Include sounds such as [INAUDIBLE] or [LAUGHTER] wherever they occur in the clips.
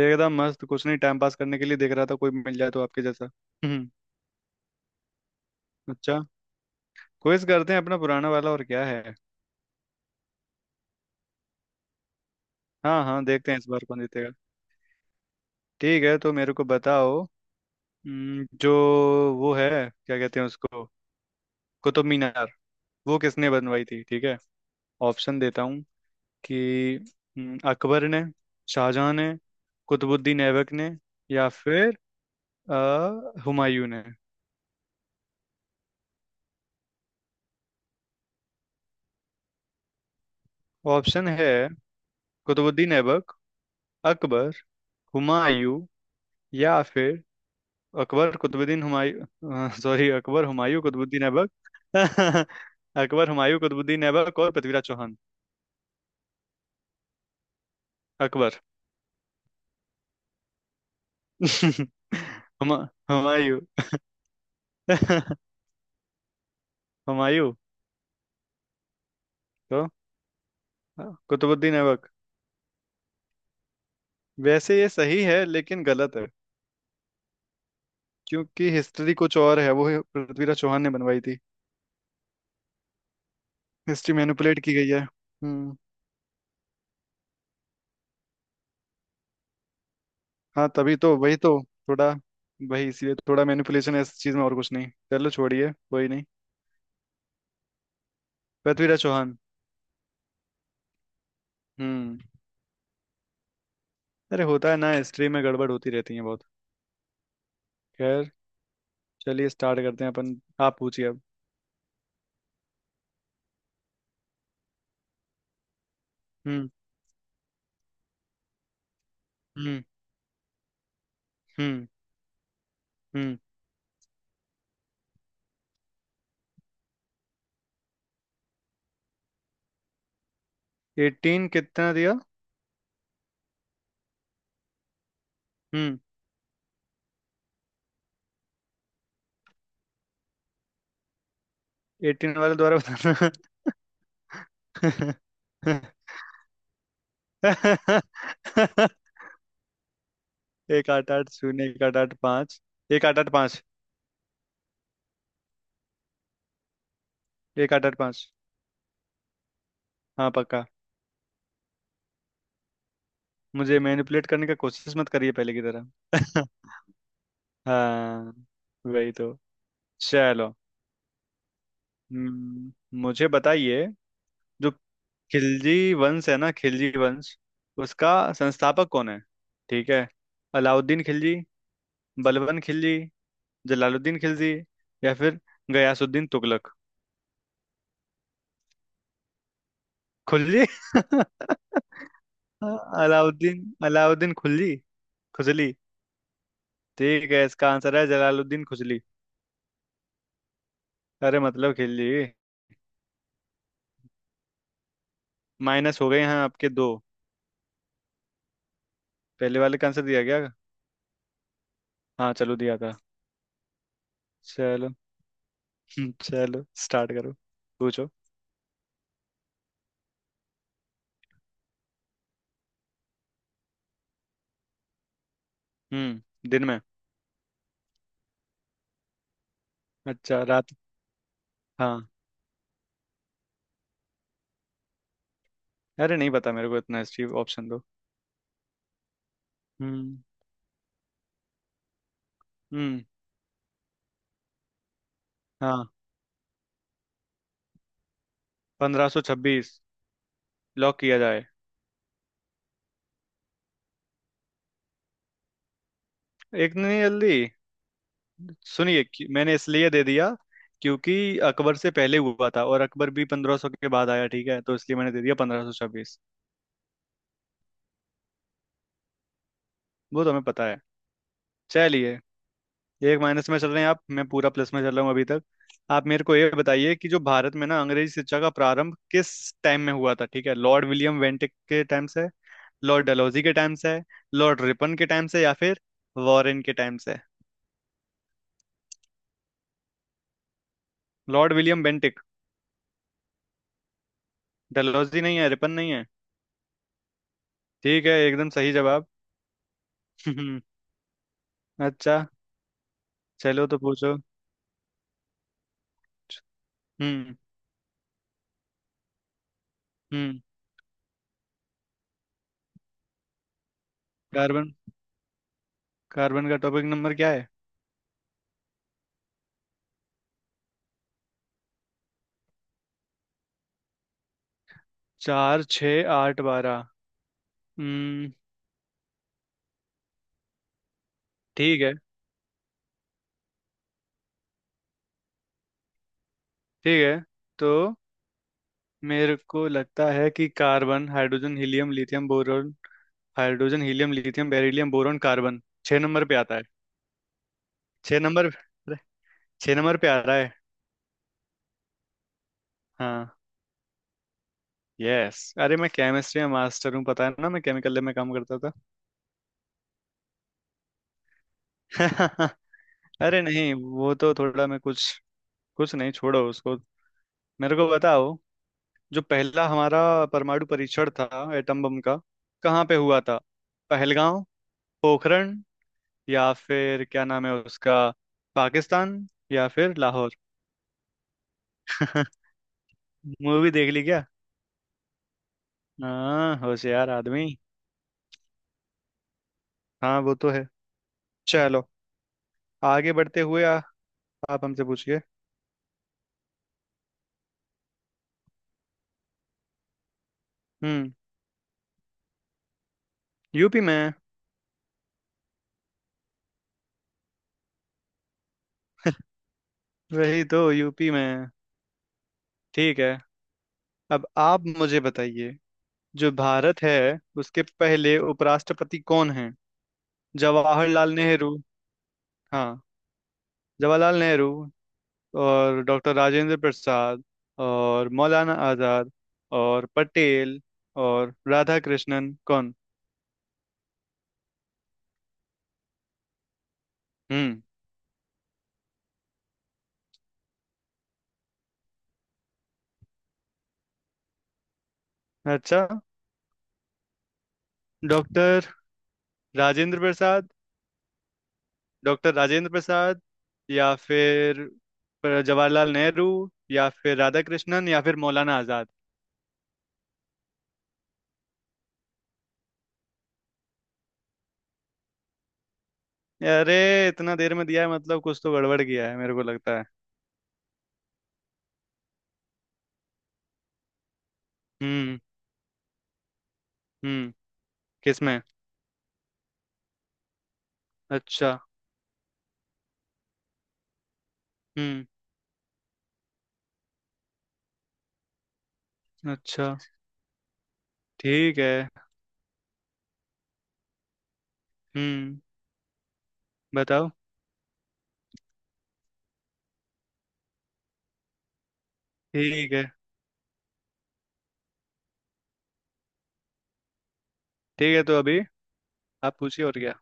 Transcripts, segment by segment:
एकदम मस्त। कुछ नहीं, टाइम पास करने के लिए देख रहा था, कोई मिल जाए तो आपके जैसा। हम्म। अच्छा। क्विज करते हैं अपना पुराना वाला, और क्या है। हाँ हाँ, देखते हैं इस बार कौन जीतेगा। ठीक है, तो मेरे को बताओ। जो वो है, क्या कहते हैं उसको, कुतुब मीनार, वो किसने बनवाई थी? ठीक है, ऑप्शन देता हूँ कि अकबर ने, शाहजहां ने, कुतुबुद्दीन ऐबक ने, या फिर अ, हुमायूं ने। ऑप्शन है कुतुबुद्दीन ऐबक, अकबर, हुमायूं, या फिर अकबर कुतुबुद्दीन हुमायूं, सॉरी, अकबर हुमायूं कुतुबुद्दीन ऐबक। [LAUGHS] अकबर हुमायूं कुतुबुद्दीन ऐबक और पृथ्वीराज चौहान। अकबर। [LAUGHS] हम हुमायूं। [LAUGHS] हुमायूं। तो कुतुबुद्दीन ऐबक। वैसे ये सही है लेकिन गलत है। क्योंकि हिस्ट्री कुछ और है वो। पृथ्वीराज चौहान ने बनवाई थी। हिस्ट्री मैनिपुलेट की गई है। हम्म। हाँ तभी तो, वही तो, थोड़ा, वही इसीलिए थोड़ा मैनिपुलेशन है इस चीज में, और कुछ नहीं। चलो छोड़िए, कोई नहीं। पृथ्वीराज चौहान। हम्म। अरे, होता है ना, हिस्ट्री में गड़बड़ होती रहती है बहुत। खैर, चलिए स्टार्ट करते हैं अपन। आप पूछिए अब। हम्म। हम्म। हम्म। हम्म। 18 कितना दिया? हम्म। एटीन वाले द्वारा बताना। [LAUGHS] 1880, 1885, 1885। एक आठ आठ पाँच। हाँ पक्का। मुझे मैनिपुलेट करने का कोशिश मत करिए पहले की तरह। [LAUGHS] हाँ। वही तो। चलो। हम्म, मुझे बताइए, जो खिलजी वंश है ना, खिलजी वंश, उसका संस्थापक कौन है? ठीक है, अलाउद्दीन खिलजी, बलबन खिलजी, जलालुद्दीन खिलजी, या फिर गयासुद्दीन तुगलक। खुलजी। [LAUGHS] अलाउद्दीन, अलाउद्दीन खुलजी। खुजली। ठीक है, इसका आंसर है जलालुद्दीन खुजली। अरे मतलब खिलजी। माइनस हो गए हैं आपके दो। पहले वाले का आंसर दिया गया। हाँ चलो, दिया था। चलो। [LAUGHS] चलो स्टार्ट करो। पूछो। हम्म, दिन में। अच्छा, रात। हाँ। अरे नहीं पता मेरे को इतना हिस्ट्री, ऑप्शन दो। हम्म। हम्म। हाँ, 1526, लॉक किया जाए। एक नहीं, जल्दी। मैंने इसलिए दे दिया क्योंकि अकबर से पहले हुआ था और अकबर भी 1500 के बाद आया, ठीक है, तो इसलिए मैंने दे दिया 1526। वो तो हमें पता है। चलिए। एक माइनस में चल रहे हैं आप, मैं पूरा प्लस में चल रहा हूँ अभी तक। आप मेरे को ये बताइए कि जो भारत में ना अंग्रेजी शिक्षा का प्रारंभ किस टाइम में हुआ था, ठीक है, लॉर्ड विलियम वेंटिक के टाइम से, लॉर्ड डलहौजी के टाइम से है, लॉर्ड रिपन के टाइम से, या फिर वॉरेन के टाइम से है। Lord William Bentinck. डलहौजी नहीं है, रिपन नहीं है। ठीक है, एकदम सही जवाब। [LAUGHS] अच्छा। चलो तो पूछो। हम्म। हम्म। कार्बन। कार्बन का टॉपिक नंबर क्या है? 4, 6, 8, 12। हम्म। ठीक है। ठीक है, तो मेरे को लगता है कि carbon, hydrogen helium lithium boron, hydrogen helium lithium beryllium boron carbon, 6 number पे आता है। 6 नंबर, 6 नंबर पे आ रहा है। हाँ। यस, अरे मैं केमिस्ट्री में मास्टर हूँ, पता है ना, मैं केमिकल लैब में काम करता था। [LAUGHS] अरे नहीं, वो तो थोड़ा मैं कुछ, कुछ नहीं, छोड़ो उसको। मेरे को बताओ, जो पहला हमारा परमाणु परीक्षण था एटम बम का, कहाँ पे हुआ था? पहलगांव, पोखरण, या फिर क्या नाम है उसका, पाकिस्तान, या फिर लाहौर। [LAUGHS] मूवी देख ली क्या? हाँ, होशियार आदमी। हाँ वो तो है। चलो, आगे बढ़ते हुए आप हमसे पूछिए। हम्म। यूपी में। वही तो, यूपी में है। ठीक है। अब आप मुझे बताइए, जो भारत है उसके पहले उपराष्ट्रपति कौन हैं? जवाहरलाल नेहरू। हाँ। जवाहरलाल नेहरू, और डॉक्टर राजेंद्र प्रसाद, और मौलाना आजाद, और पटेल, और राधा कृष्णन, कौन? हम्म। अच्छा। डॉक्टर राजेंद्र प्रसाद, डॉक्टर राजेंद्र प्रसाद, या फिर जवाहरलाल नेहरू, या फिर राधा कृष्णन, या फिर मौलाना आजाद। अरे इतना देर में दिया है मतलब कुछ तो गड़बड़ किया है मेरे को लगता है। हम्म। हम्म। किसमें? अच्छा। हम्म। अच्छा। ठीक है। हम्म। बताओ। ठीक है। ठीक है, तो अभी आप पूछिए और क्या।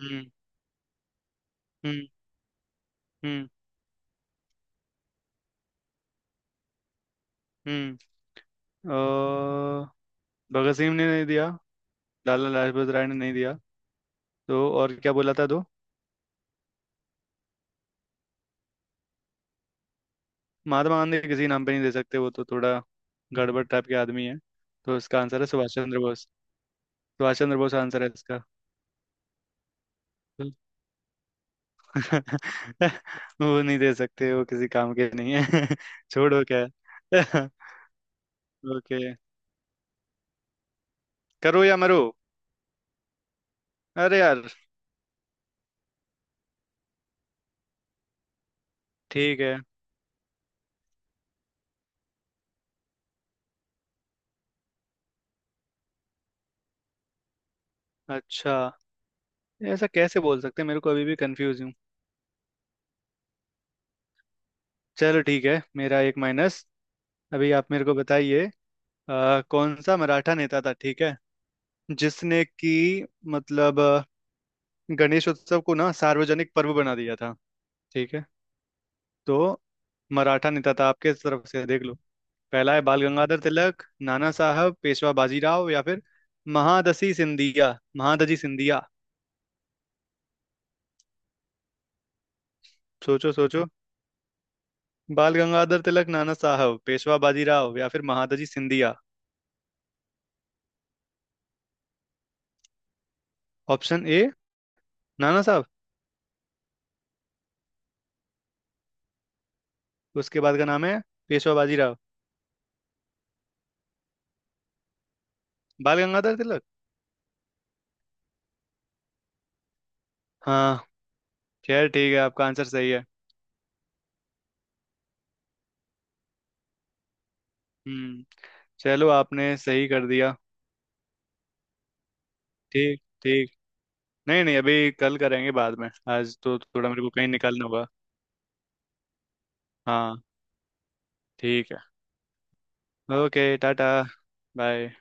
हम्म। हम्म। हम्म। हम्म। अ, भगत सिंह ने नहीं दिया, लाला लाजपत राय ने नहीं दिया, तो और क्या बोला था, दो? महात्मा गांधी किसी नाम पे नहीं दे सकते, वो तो थोड़ा गड़बड़ टाइप के आदमी है। तो इसका आंसर है सुभाष चंद्र बोस। सुभाष चंद्र बोस आंसर है इसका। [LAUGHS] वो नहीं दे सकते, वो किसी काम के नहीं है। [LAUGHS] छोड़ो क्या। [LAUGHS] ओके, करो या मरो। अरे यार। ठीक है। अच्छा, ऐसा कैसे बोल सकते हैं, मेरे को अभी भी कंफ्यूज हूँ। चलो ठीक है, मेरा एक माइनस। अभी आप मेरे को बताइए, कौन सा मराठा नेता था, ठीक है, जिसने कि मतलब गणेश उत्सव को ना सार्वजनिक पर्व बना दिया था, ठीक है, तो मराठा नेता था, आपके तरफ से देख लो। पहला है बाल गंगाधर तिलक, नाना साहब पेशवा बाजीराव, या फिर महादजी सिंधिया, महादजी सिंधिया। सोचो सोचो। बाल गंगाधर तिलक, नाना साहब पेशवा बाजीराव, या फिर महादजी सिंधिया। Option A. नाना साहब। उसके बाद का नाम है पेशवा बाजीराव। बाल गंगाधर तिलक। हाँ। खैर ठीक है, आपका आंसर सही है। हम्म। चलो, आपने सही कर दिया। ठीक ठीक। नहीं नहीं, अभी कल करेंगे, बाद में, आज तो थोड़ा मेरे को कहीं निकलना होगा। हाँ। ठीक है। Okay, tata. बाय।